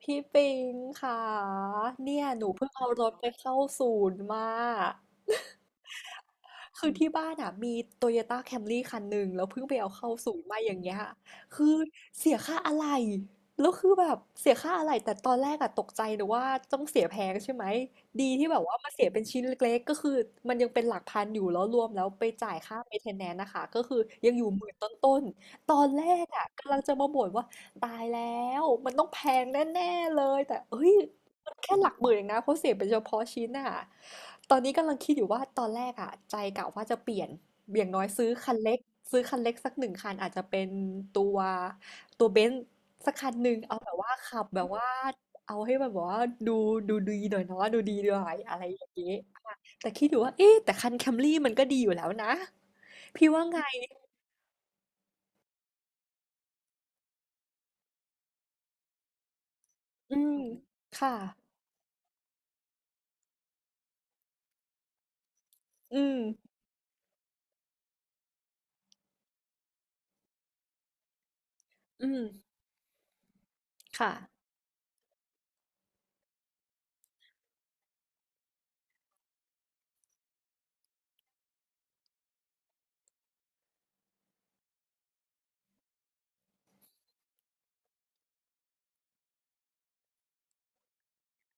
พี่ปิงค่ะเนี่ยหนูเพิ่งเอารถไปเข้าศูนย์มาคือที่บ้านอ่ะมีโตโยต้าแคมรี่คันหนึ่งแล้วเพิ่งไปเอาเข้าศูนย์มาอย่างเงี้ยคือเสียค่าอะไหล่แล้วคือแบบเสียค่าอะไหล่แต่ตอนแรกอะตกใจหนูว่าต้องเสียแพงใช่ไหมดีที่แบบว่ามาเสียเป็นชิ้นเล็กๆก็คือมันยังเป็นหลักพันอยู่แล้วรวมแล้วไปจ่ายค่าเม i n t นแนน n นะคะก็คือยังอยู่หมื่นต้นๆตอนแรกอะกำลังจะมาบ่นว่าตายแล้วมันต้องแพงแน่ๆเลยแต่เอ้ย แค่หลักหมื่นเองนะเขาเสียเป็นเฉพาะชิ้นน่ะตอนนี้กำลังคิดอยู่ว่าตอนแรกอะใจกะว่าจะเปลี่ยนอย่างน้อยซื้อคันเล็กซื้อคันเล็กสักหนึ่งคันอาจจะเป็นตัวตัวเบนซ์สักคันหนึ่งเอาแบบว่าขับแบบว่าเอาให้มันแบบว่าดูดูดีหน่อยเนาะดูดีหน่อยอะไรอย่างนี้อ่ะแต่คิดอยู่ว่าเอ๊ะแต่คันแคมรี่มันก็ดีอยู่แล้วนะพี่ว่าไงอืมค่ะอืมอืมค่ะ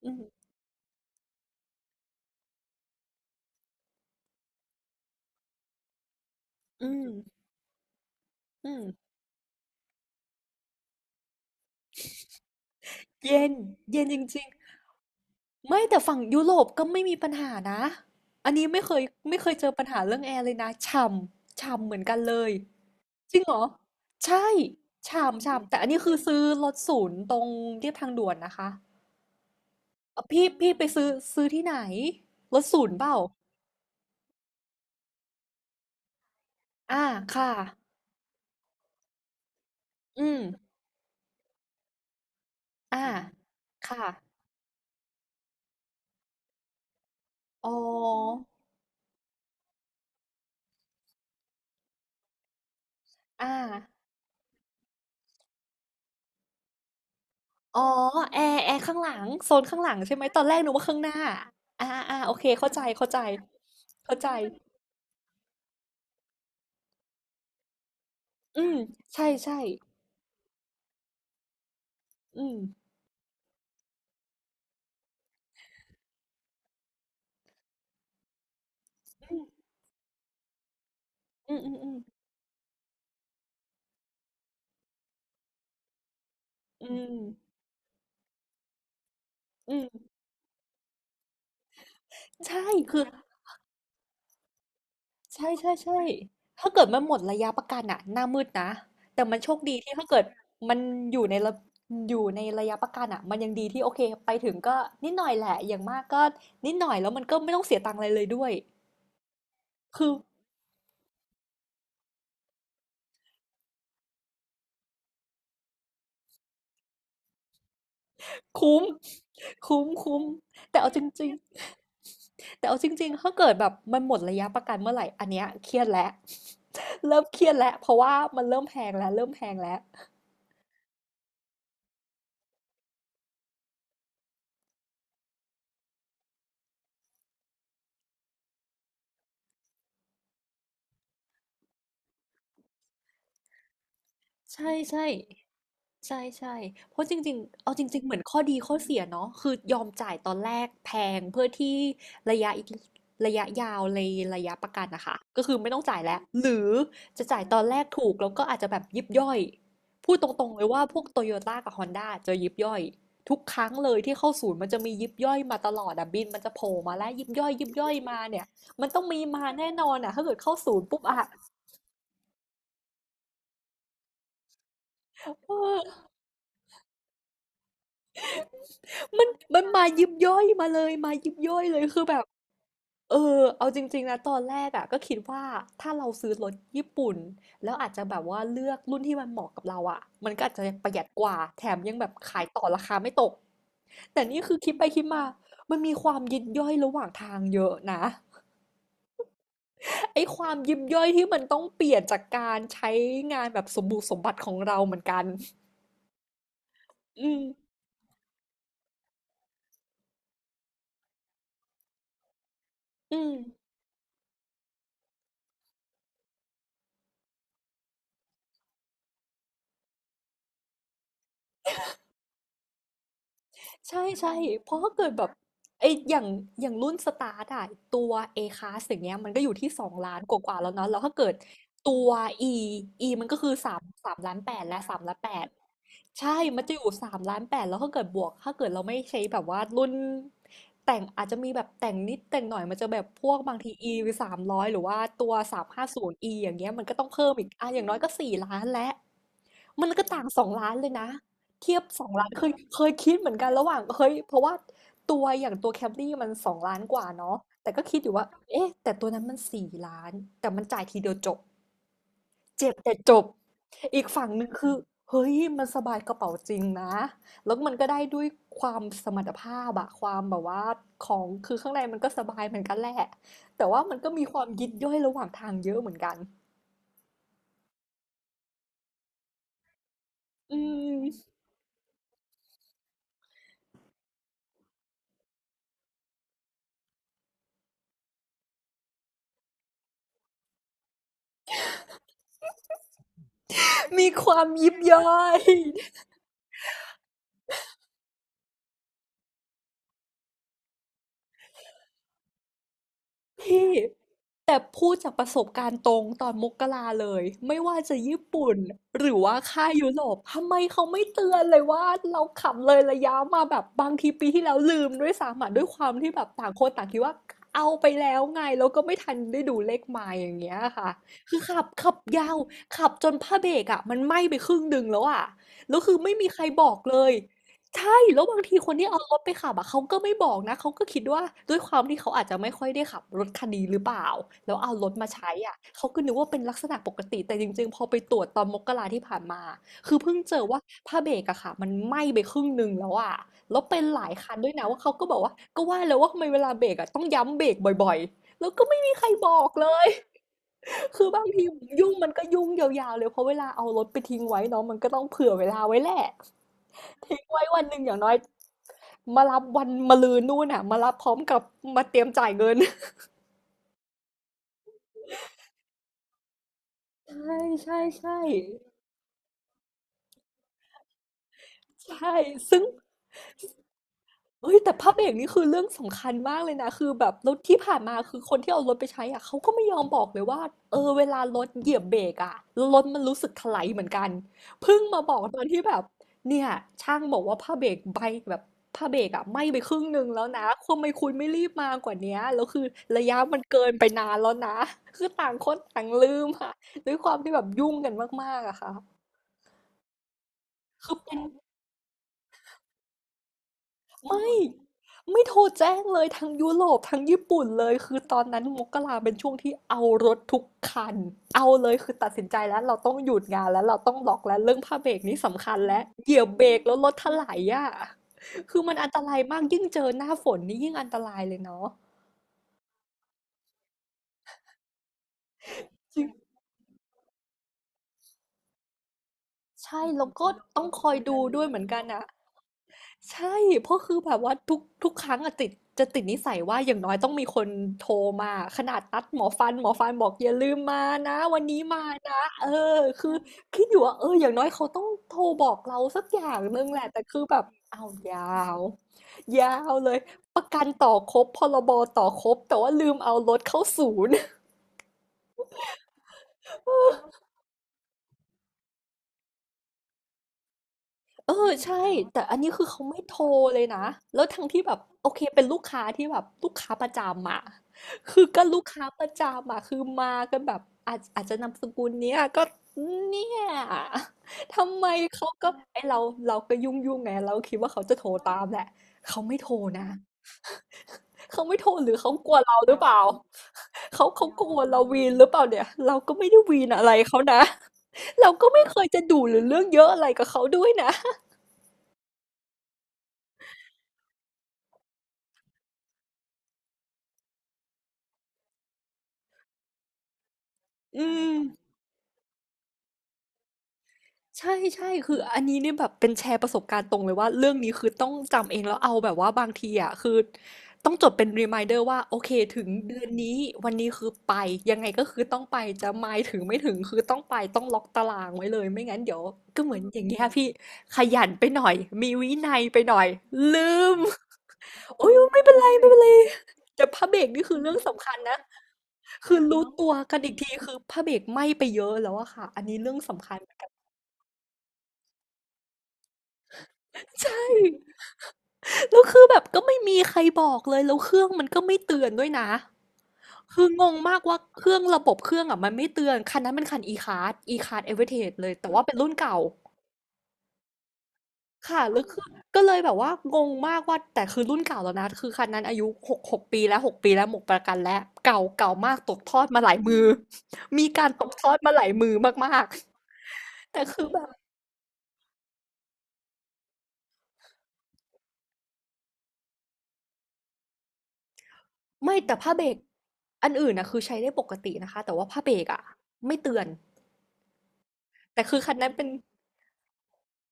อืมอืมอืมเย็นเย็นจริง ไม่แต่ฝั่งยุโรปก็ไม่มีปัญหานะอันนี้ไม่เคยเจอปัญหาเรื่องแอร์เลยนะฉ่ำฉ่ำเหมือนกันเลยจริงเหรอใช่ฉ่ำฉ่ำแต่อันนี้คือซื้อรถศูนย์ตรงเรียบทางด่วนนะคะพี่ไปซื้อที่ไหนรถศูนย์เปล่าอ่าค่ะอืมอ่าค่ะอ๋ออ่าอ๋อแอร์ข้างหลังโซนข้างหลังใช่ไหมตอนแรกหนูว่าข้างหน้าอ่าอ่าโอเคเข้าใจเข้าใจเข้าใจ อืมใช่ใช่อืมอืมอืมอืมอืมอืมใช่คือใช่ใช่ใช่ถ้าเกิดมันหมดระยะประกันอ่ะหน้ามืดนะแต่มันโชคดีที่ถ้าเกิดมันอยู่ในระอยู่ในระยะประกันอะมันยังดีที่โอเคไปถึงก็นิดหน่อยแหละอย่างมากก็นิดหน่อยแล้วมันก็ไม่ต้องเสียตังค์อะไรเลยด้วยคือ คุ้ม คุ้ม คุ้ม แต่เอาจริงๆแต่เอาจริงๆถ้าเกิดแบบมันหมดระยะประกันเมื่อไหร่อันเนี้ยเครียดแล้ว เริ่มเครียดแล้ว เพราะว่ามันเริ่มแพงแล้วเริ่มแพงแล้ว ใช่ใช่ ใช่ๆเพราะจริงๆเอาจริงๆเหมือนข้อดีข้อเสียเนาะคือยอมจ่ายตอนแรกแพงเพื่อที่ระยะอีกระยะยาวในระยะประกันนะคะก็คือไม่ต้องจ่ายแล้วหรือจะจ่ายตอนแรกถูกแล้วก็อาจจะแบบยิบย่อยพูดตรงๆเลยว่าพวกโตโยต้ากับฮอนด้าจะยิบย่อยทุกครั้งเลยที่เข้าศูนย์มันจะมียิบย่อยมาตลอดอะบินมันจะโผล่มาแล้วยิบย่อยมาเนี่ยมันต้องมีมาแน่นอนอะถ้าเกิดเข้าศูนย์ปุ๊บอะเออ มันมันมายิบย่อยมาเลยมายิบย่อยเลยคือแบบเออเอาจริงๆนะตอนแรกอ่ะก็คิดว่าถ้าเราซื้อรถญี่ปุ่นแล้วอาจจะแบบว่าเลือกรุ่นที่มันเหมาะกับเราอ่ะมันก็อาจจะประหยัดกว่าแถมยังแบบขายต่อราคาไม่ตกแต่นี่คือคิดไปคิดมามันมีความยิบย่อยระหว่างทางเยอะนะไอ้ความยิบย่อยที่มันต้องเปลี่ยนจากการใช้งานแบบสมบูรณ์สมบัติของเราเหมือนกันอืมอืม ใช่ใช่เพราะถ้าเกิดแบบไออย่างอย่างรุ่นสตาร์ทอะตัว A class อย่างเงี้ยมันก็อยู่ที่สองล้านกว่าๆแล้วเนาะแล้วถ้าเกิดตัว E มันก็คือสามล้านแปดและสามล้านแปดใช่มันจะอยู่สามล้านแปดแล้วถ้าเกิดบวกถ้าเกิดเราไม่ใช้แบบว่ารุ่นแต่งอาจจะมีแบบแต่งนิดแต่งหน่อยมันจะแบบพวกบางที E300หรือว่าตัวE350 อย่างเงี้ยมันก็ต้องเพิ่มอีกอ่ะอย่างน้อยก็สี่ล้านและมันก็ต่างสองล้านเลยนะ เทียบสองล้านเคยคิดเหมือนกันระหว่างเฮ้ยเพราะว่าตัวอย่างตัว Camry มันสองล้านกว่าเนาะแต่ก็คิดอยู่ว่าเอ๊ะแต่ตัวนั้นมันสี่ล้านแต่มันจ่ายทีเดียวจบเจ็บแต่จบอีกฝั่งหนึ่งคือเฮ้ยมันสบายกระเป๋าจริงนะแล้วมันก็ได้ด้วยความสมรรถภาพอะความแบบว่าของคือข้างในมันก็สบายเหมือนกันแหละแต่ว่ามันก็มีความยิบย่อยระหว่างทางเยอะเหมือนกันอืมมีความยิบย่อย พี่แต่พูดจากประสบการณ์ตรงตอนมกราเลยไม่ว่าจะญี่ปุ่นหรือว่าค่ายยุโรปทำไมเขาไม่เตือนเลยว่าเราขับเลยระยะมาแบบบางทีปีที่แล้วลืมด้วยซ้ำอะด้วยความที่แบบต่างคนต่างคิดว่าเอาไปแล้วไงแล้วก็ไม่ทันได้ดูเลขไมล์อย่างเงี้ยค่ะคือขับยาวขับจนผ้าเบรกอะมันไหม้ไปครึ่งหนึ่งแล้วอะแล้วคือไม่มีใครบอกเลย ใช่แล้วบางทีคนที่เอารถไปขับอะเขาก็ไม่บอกนะเขาก็คิดว่าด้วยความที่เขาอาจจะไม่ค่อยได้ขับรถคันนี้หรือเปล่าแล้วเอารถมาใช้อะเขาก็นึกว่าเป็นลักษณะปกติแต่จริงๆพอไปตรวจตอนมกราที่ผ่านมาคือเพิ่งเจอว่าผ้าเบรกอะค่ะมันไหม้ไปครึ่งหนึ่งแล้วอะแล้วเป็นหลายคันด้วยนะว่าเขาก็บอกว่าก็ว่าแล้วว่าทำไมเวลาเบรกอะต้องย้ำเบรกบ่อยๆแล้วก็ไม่มีใครบอกเลยคือบางทียุ่งมันก็ยุ่งยาวๆเลยเพราะเวลาเอารถไปทิ้งไว้เนาะมันก็ต้องเผื่อเวลาไว้แหละ ทิ้งไว้วันหนึ่งอย่างน้อยมารับวันมะรืนนู่นน่ะมารับพร้อมกับมาเตรียมจ่ายเงินใช่ใช่ใช่ใช่ซึ่ง เฮ้ยแต่พระเอกนี่คือเรื่องสำคัญมากเลยนะคือแบบรถที่ผ่านมาคือคนที่เอารถไปใช้อะเขาก็ไม่ยอมบอกเลยว่าเออเวลารถเหยียบเบรกอะรถมันรู้สึกถลายเหมือนกันเพิ่งมาบอกตอนที่แบบเนี่ยช่างบอกว่าผ้าเบรกใบแบบผ้าเบรกอะไหม้ไปครึ่งหนึ่งแล้วนะทำไมคุณไม่รีบมากว่าเนี้ยแล้วคือระยะมันเกินไปนานแล้วนะคือต่างคนต่างลืมอะด้วยความที่แบบยุ่งกันมากๆอะค่ะคือเป็น ไม่ไม่โทรแจ้งเลยทั้งยุโรปทั้งญี่ปุ่นเลยคือตอนนั้นมกราเป็นช่วงที่เอารถทุกคันเอาเลยคือตัดสินใจแล้วเราต้องหยุดงานแล้วเราต้องล็อกแล้วเรื่องผ้าเบรกนี่สำคัญแล้วเหยียบเบรกแล้วรถถลายอ่ะคือมันอันตรายมากยิ่งเจอหน้าฝนนี่ยิ่งอันตรายเลยเนาะจริงใช่แล้วก็ต้องคอยดูด้วยเหมือนกันนะ ใช่เพราะคือแบบว่าทุกครั้งอะติดจะติดนิสัยว่าอย่างน้อยต้องมีคนโทรมาขนาดนัดหมอฟันหมอฟันบอกอย่าลืมมานะวันนี้มานะเออคือคิดอยู่ว่าเอออย่างน้อยเขาต้องโทรบอกเราสักอย่างหนึงแหละแต่คือแบบเอายาวยาวเลยประกันต่อครบพรบต่อครบแต่ว่าลืมเอารถเข้าศูนย์ เออใช่แต่อันนี้คือเขาไม่โทรเลยนะแล้วทั้งที่แบบโอเคเป็นลูกค้าที่แบบลูกค้าประจำอ่ะ คือก็ลูกค้าประจำอะคือมากันแบบอาจจะนามสกุลเนี้ยก็เนี่ยทำไมเขาก็ไอเราเราก็ยุ่งไงเราคิดว่าเขาจะโทรตามแหละเขาไม่โทรนะเขาไม่โทรหรือเขากลัวเราหรือเปล่าเขากลัวเราวีนหรือเปล่าเนี่ยเราก็ไม่ได้วีนอะไรเขานะ เราก็ไม่เคยจะดุหรือเรื่องเยอะอะไรกับเขาด้วยนะอืม ใช่ๆคืออันนี้เนี่ยแบบเป็นแชร์ประสบการณ์ตรงเลยว่าเรื่องนี้คือต้องจำเองแล้วเอาแบบว่าบางทีอะคือต้องจดเป็น reminder ว่าโอเคถึงเดือนนี้วันนี้คือไปยังไงก็คือต้องไปจะไม่ถึงคือต้องไปต้องล็อกตารางไว้เลยไม่งั้นเดี๋ยวก็เหมือนอย่างเงี้ยพี่ขยันไปหน่อยมีวินัยไปหน่อยลืมโอ้ยไม่เป็นไรแต่พราเบรกนี่คือเรื่องสำคัญนะคือรู้ตัวกันอีกทีคือพราเบรกไหม้ไปเยอะแล้วอะค่ะอันนี้เรื่องสำคัญเหมือนกันใช่ แล้วคือแบบก็ไม่มีใครบอกเลยแล้วเครื่องมันก็ไม่เตือนด้วยนะคืองงมากว่าเครื่องระบบเครื่องอะมันไม่เตือนคันนั้นเป็นคัน e-card heritage เลยแต่ว่าเป็นรุ่นเก่าค่ะแล้วคือก็เลยแบบว่างงมากว่าแต่คือรุ่นเก่าแล้วนะคือคันนั้นอายุหกปีแล้วหกปีแล้วหมดประกันแล้วเก่ามากตกทอดมาหลายมือมีการตกทอดมาหลายมือมากๆแต่คือแบบไม่แต่ผ้าเบรกอันอื่นนะคือใช้ได้ปกตินะคะแต่ว่าผ้าเบรกอะไม่เตือนแต่คือคันนั้นเป็น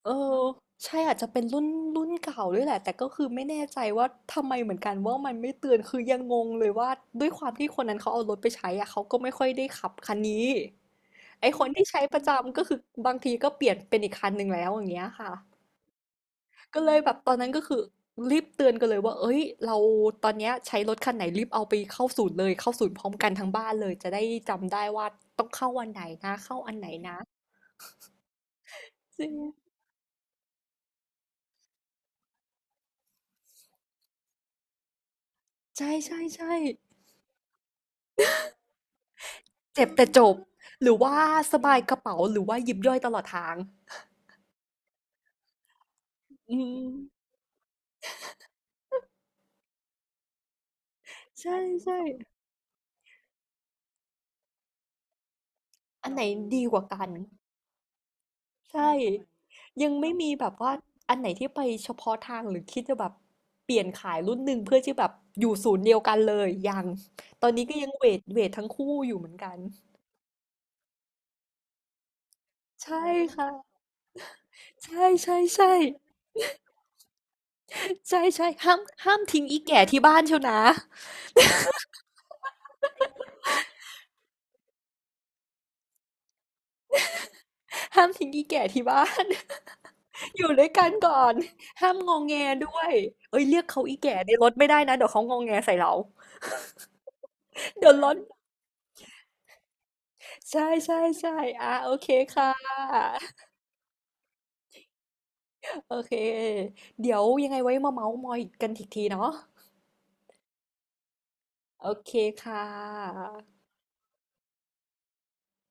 เออใช่อาจจะเป็นรุ่นเก่าด้วยแหละแต่ก็คือไม่แน่ใจว่าทำไมเหมือนกันว่ามันไม่เตือนคือยังงงเลยว่าด้วยความที่คนนั้นเขาเอารถไปใช้อะเขาก็ไม่ค่อยได้ขับคันนี้ไอ คนที่ใช้ประจำก็คือบางทีก็เปลี่ยนเป็นอีกคันหนึ่งแล้วอย่างเงี้ยค่ะก็เลยแบบตอนนั้นก็คือรีบเตือนกันเลยว่าเอ้ยเราตอนเนี้ยใช้รถคันไหนรีบเอาไปเข้าศูนย์เลยเข้าศูนย์พร้อมกันทั้งบ้านเลยจะได้จำได้ว่าต้องเข้าวันไหนนะเข้าอันไหนนะจริงใช่ใช่ใช่ เจ็บแต่จบหรือว่าสบายกระเป๋าหรือว่ายิบย่อยตลอดทางอืมใช่ใช่อันไหนดีกว่ากันใช่ยังไม่มีแบบว่าอันไหนที่ไปเฉพาะทางหรือคิดจะแบบเปลี่ยนขายรุ่นหนึ่งเพื่อที่แบบอยู่ศูนย์เดียวกันเลยยังตอนนี้ก็ยังเวททั้งคู่อยู่เหมือนกันใช่ค่ะใช่ใช่ใช่ใช่ใช่ห้ามทิ้งอีแก่ที่บ้านเชียวนะ ห้ามทิ้งอีแก่ที่บ้าน อยู่ด้วยกันก่อน ห้ามงองแงด้วย เอ้ยเรียกเขาอีแก่ในรถไม่ได้นะเดี๋ยวเขางองแงใส่เราเดี๋ยวรถใช่ใช่ใช่อ่ะโอเคค่ะโอเคเดี๋ยวยังไงไว้มาเมาส์มอยกันอีกทีเนาะโอเคค่ะ